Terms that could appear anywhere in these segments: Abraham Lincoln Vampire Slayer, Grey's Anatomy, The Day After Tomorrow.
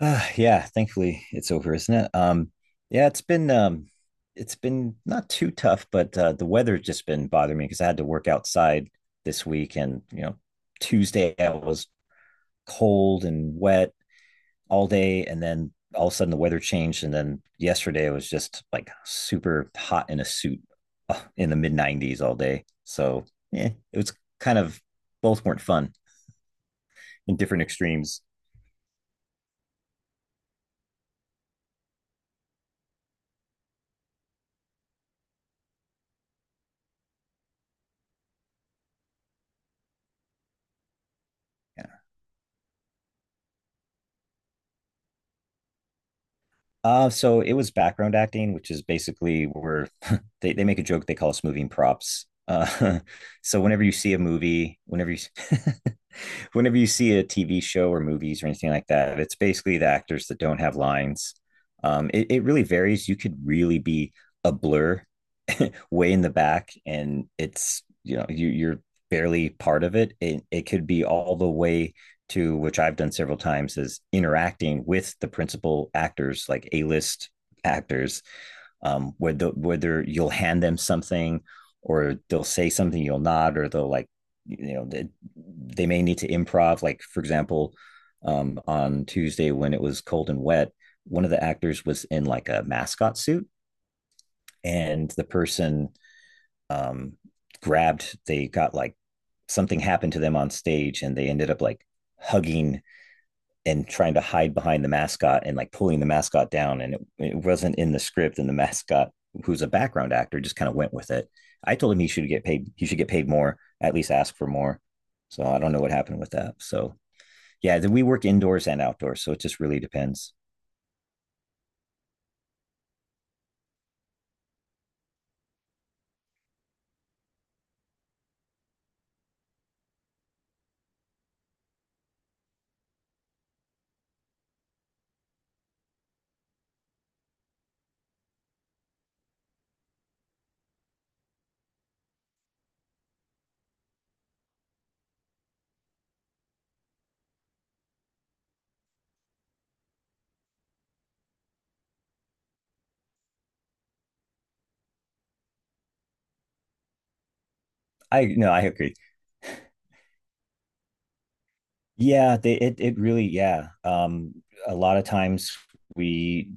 Yeah, Thankfully it's over, isn't it? Yeah, it's been it's been not too tough, but the weather's just been bothering me because I had to work outside this week, and you know, Tuesday I was cold and wet all day, and then all of a sudden the weather changed, and then yesterday it was just like super hot in a suit, in the mid 90s all day. So yeah, it was kind of both weren't fun in different extremes. Yeah. So it was background acting, which is basically where they make a joke they call us moving props. So whenever you see a movie, whenever you whenever you see a TV show or movies or anything like that, it's basically the actors that don't have lines. It really varies. You could really be a blur way in the back, and it's, you know, you're barely part of it. It could be all the way to, which I've done several times, is interacting with the principal actors, like A list actors, whether you'll hand them something, or they'll say something you'll nod, or they'll like you know they, they may need to improv. Like for example, on Tuesday when it was cold and wet, one of the actors was in like a mascot suit, and the person um, grabbed. They got like, something happened to them on stage, and they ended up like hugging and trying to hide behind the mascot and like pulling the mascot down. And it wasn't in the script, and the mascot, who's a background actor, just kind of went with it. I told him he should get paid. He should get paid more. At least ask for more. So I don't know what happened with that. So yeah, we work indoors and outdoors, so it just really depends. I, no, I agree. Yeah, they, it really, yeah. A lot of times we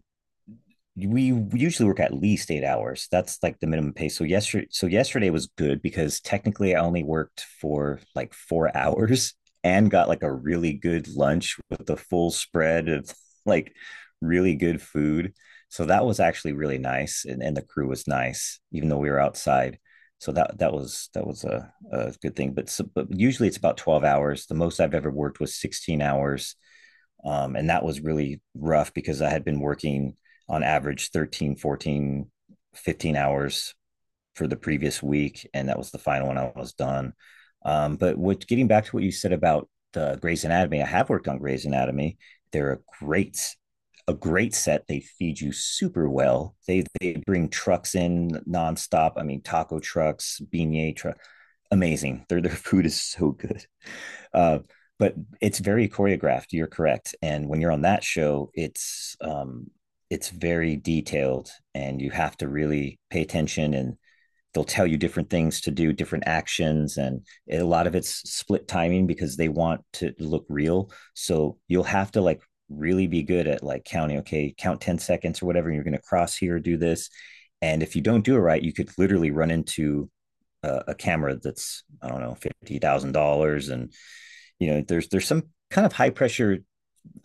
we usually work at least 8 hours. That's like the minimum pay. So yesterday was good because technically I only worked for like four hours, and got like a really good lunch with the full spread of like really good food. So that was actually really nice, and the crew was nice, even though we were outside. So that was a good thing. But usually it's about 12 hours. The most I've ever worked was 16 hours, and that was really rough because I had been working on average 13, 14, 15 hours for the previous week. And that was the final one, I was done. Getting back to what you said about Grey's Anatomy, I have worked on Grey's Anatomy. They're a great set. They feed you super well. They bring trucks in nonstop. I mean, taco trucks, beignet truck, amazing. Their food is so good. Uh, but it's very choreographed. You're correct. And when you're on that show, it's very detailed, and you have to really pay attention. And they'll tell you different things to do, different actions, and a lot of it's split timing because they want to look real. So you'll have to like really be good at like counting. Okay, count 10 seconds or whatever. And you're going to cross here, do this, and if you don't do it right, you could literally run into a camera that's, I don't know, $50,000, and you know, there's some kind of high pressure.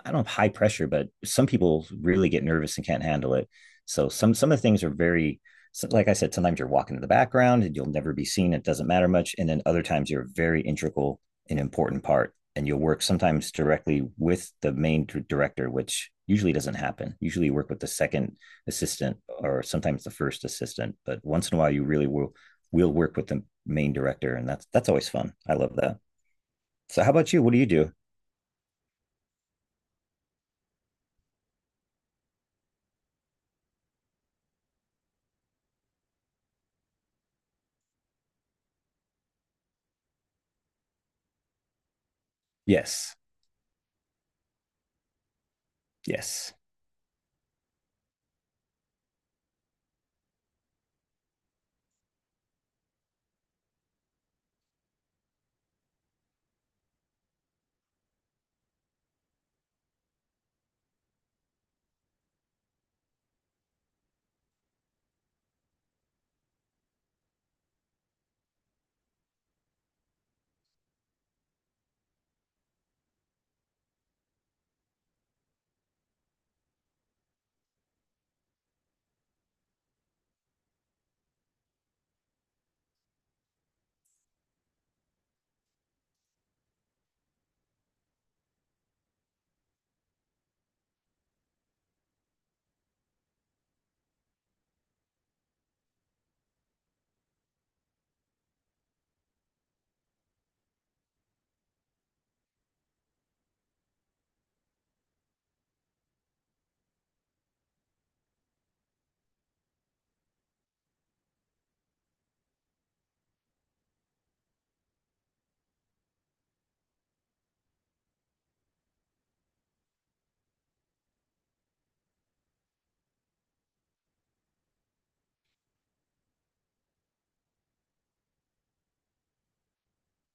I don't know, high pressure, but some people really get nervous and can't handle it. So some of the things are very, so like I said, sometimes you're walking in the background and you'll never be seen. It doesn't matter much. And then other times you're a very integral and important part. And you'll work sometimes directly with the main director, which usually doesn't happen. Usually you work with the second assistant or sometimes the first assistant. But once in a while, you really will work with the main director. And that's always fun. I love that. So how about you? What do you do? Yes. Yes.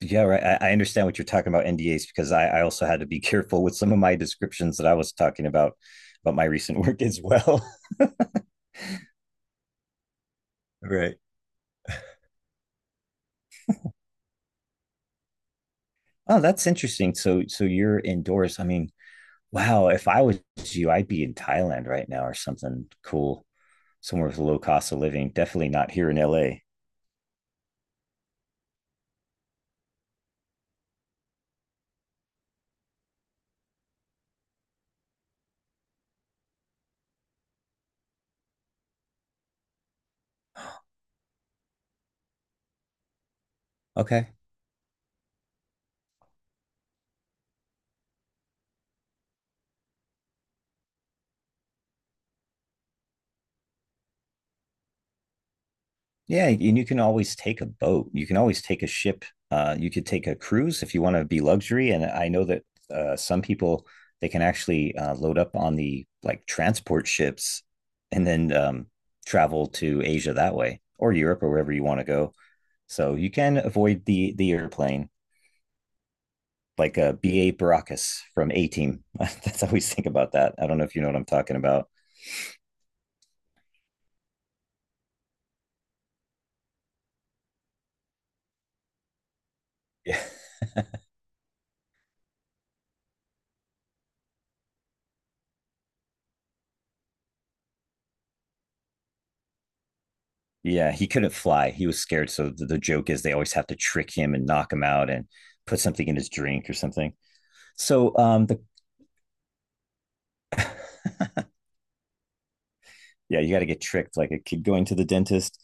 Yeah, right. I understand what you're talking about NDAs, because I also had to be careful with some of my descriptions that I was talking about my recent work as well. Right. Oh, that's interesting. So you're indoors. I mean, wow, if I was you, I'd be in Thailand right now or something cool, somewhere with low cost of living. Definitely not here in LA. Okay. Yeah, and you can always take a boat. You can always take a ship. You could take a cruise if you want to be luxury. And I know that some people, they can actually load up on the like transport ships, and then travel to Asia that way, or Europe, or wherever you want to go. So you can avoid the airplane like a B. A. Baracus from A Team. That's how we think about that. I don't know if you know what I'm talking about. Yeah. Yeah, he couldn't fly. He was scared. So the joke is they always have to trick him and knock him out and put something in his drink or something. So the Yeah, you got to get tricked like a kid going to the dentist.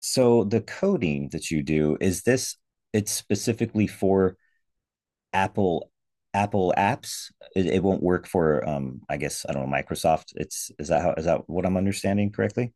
So the coding that you do, is this, it's specifically for Apple, apps. It won't work for I guess I don't know, Microsoft. It's is that how is that what I'm understanding correctly?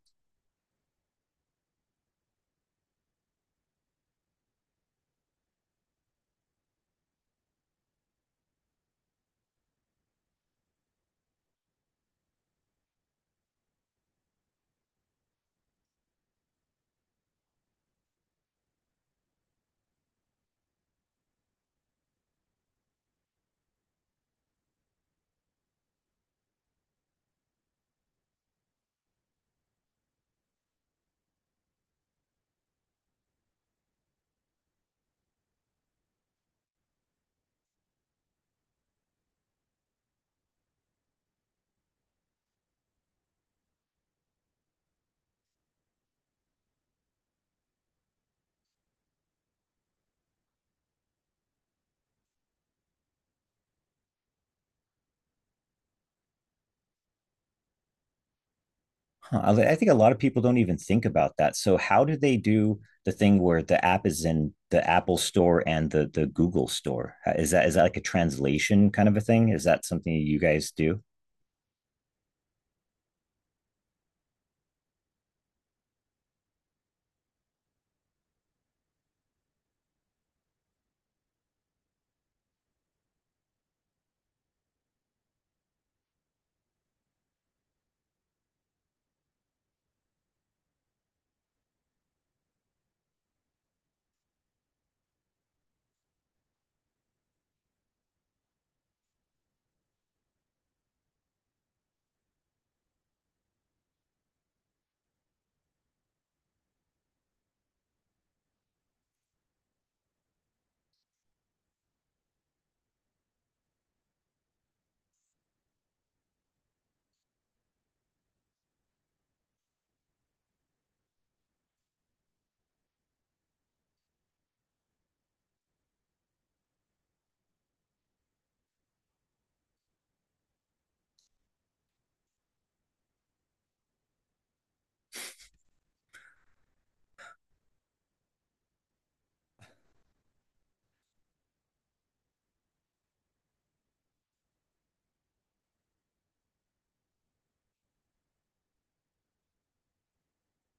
Huh. I think a lot of people don't even think about that. So how do they do the thing where the app is in the Apple Store and the Google Store? Is that like a translation kind of a thing? Is that something you guys do?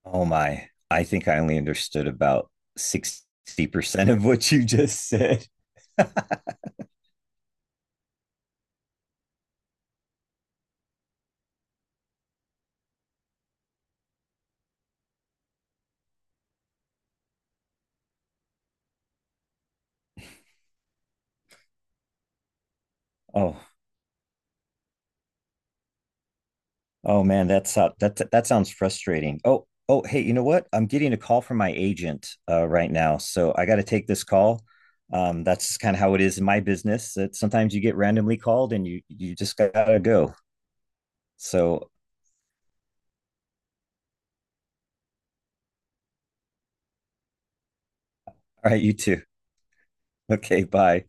Oh my! I think I only understood about 60% of what you just said. Oh. Oh man, that's that sounds frustrating. Oh, oh, hey, you know what? I'm getting a call from my agent right now, so I got to take this call. That's kind of how it is in my business. That sometimes you get randomly called and you just gotta go. So, all right, you too. Okay, bye.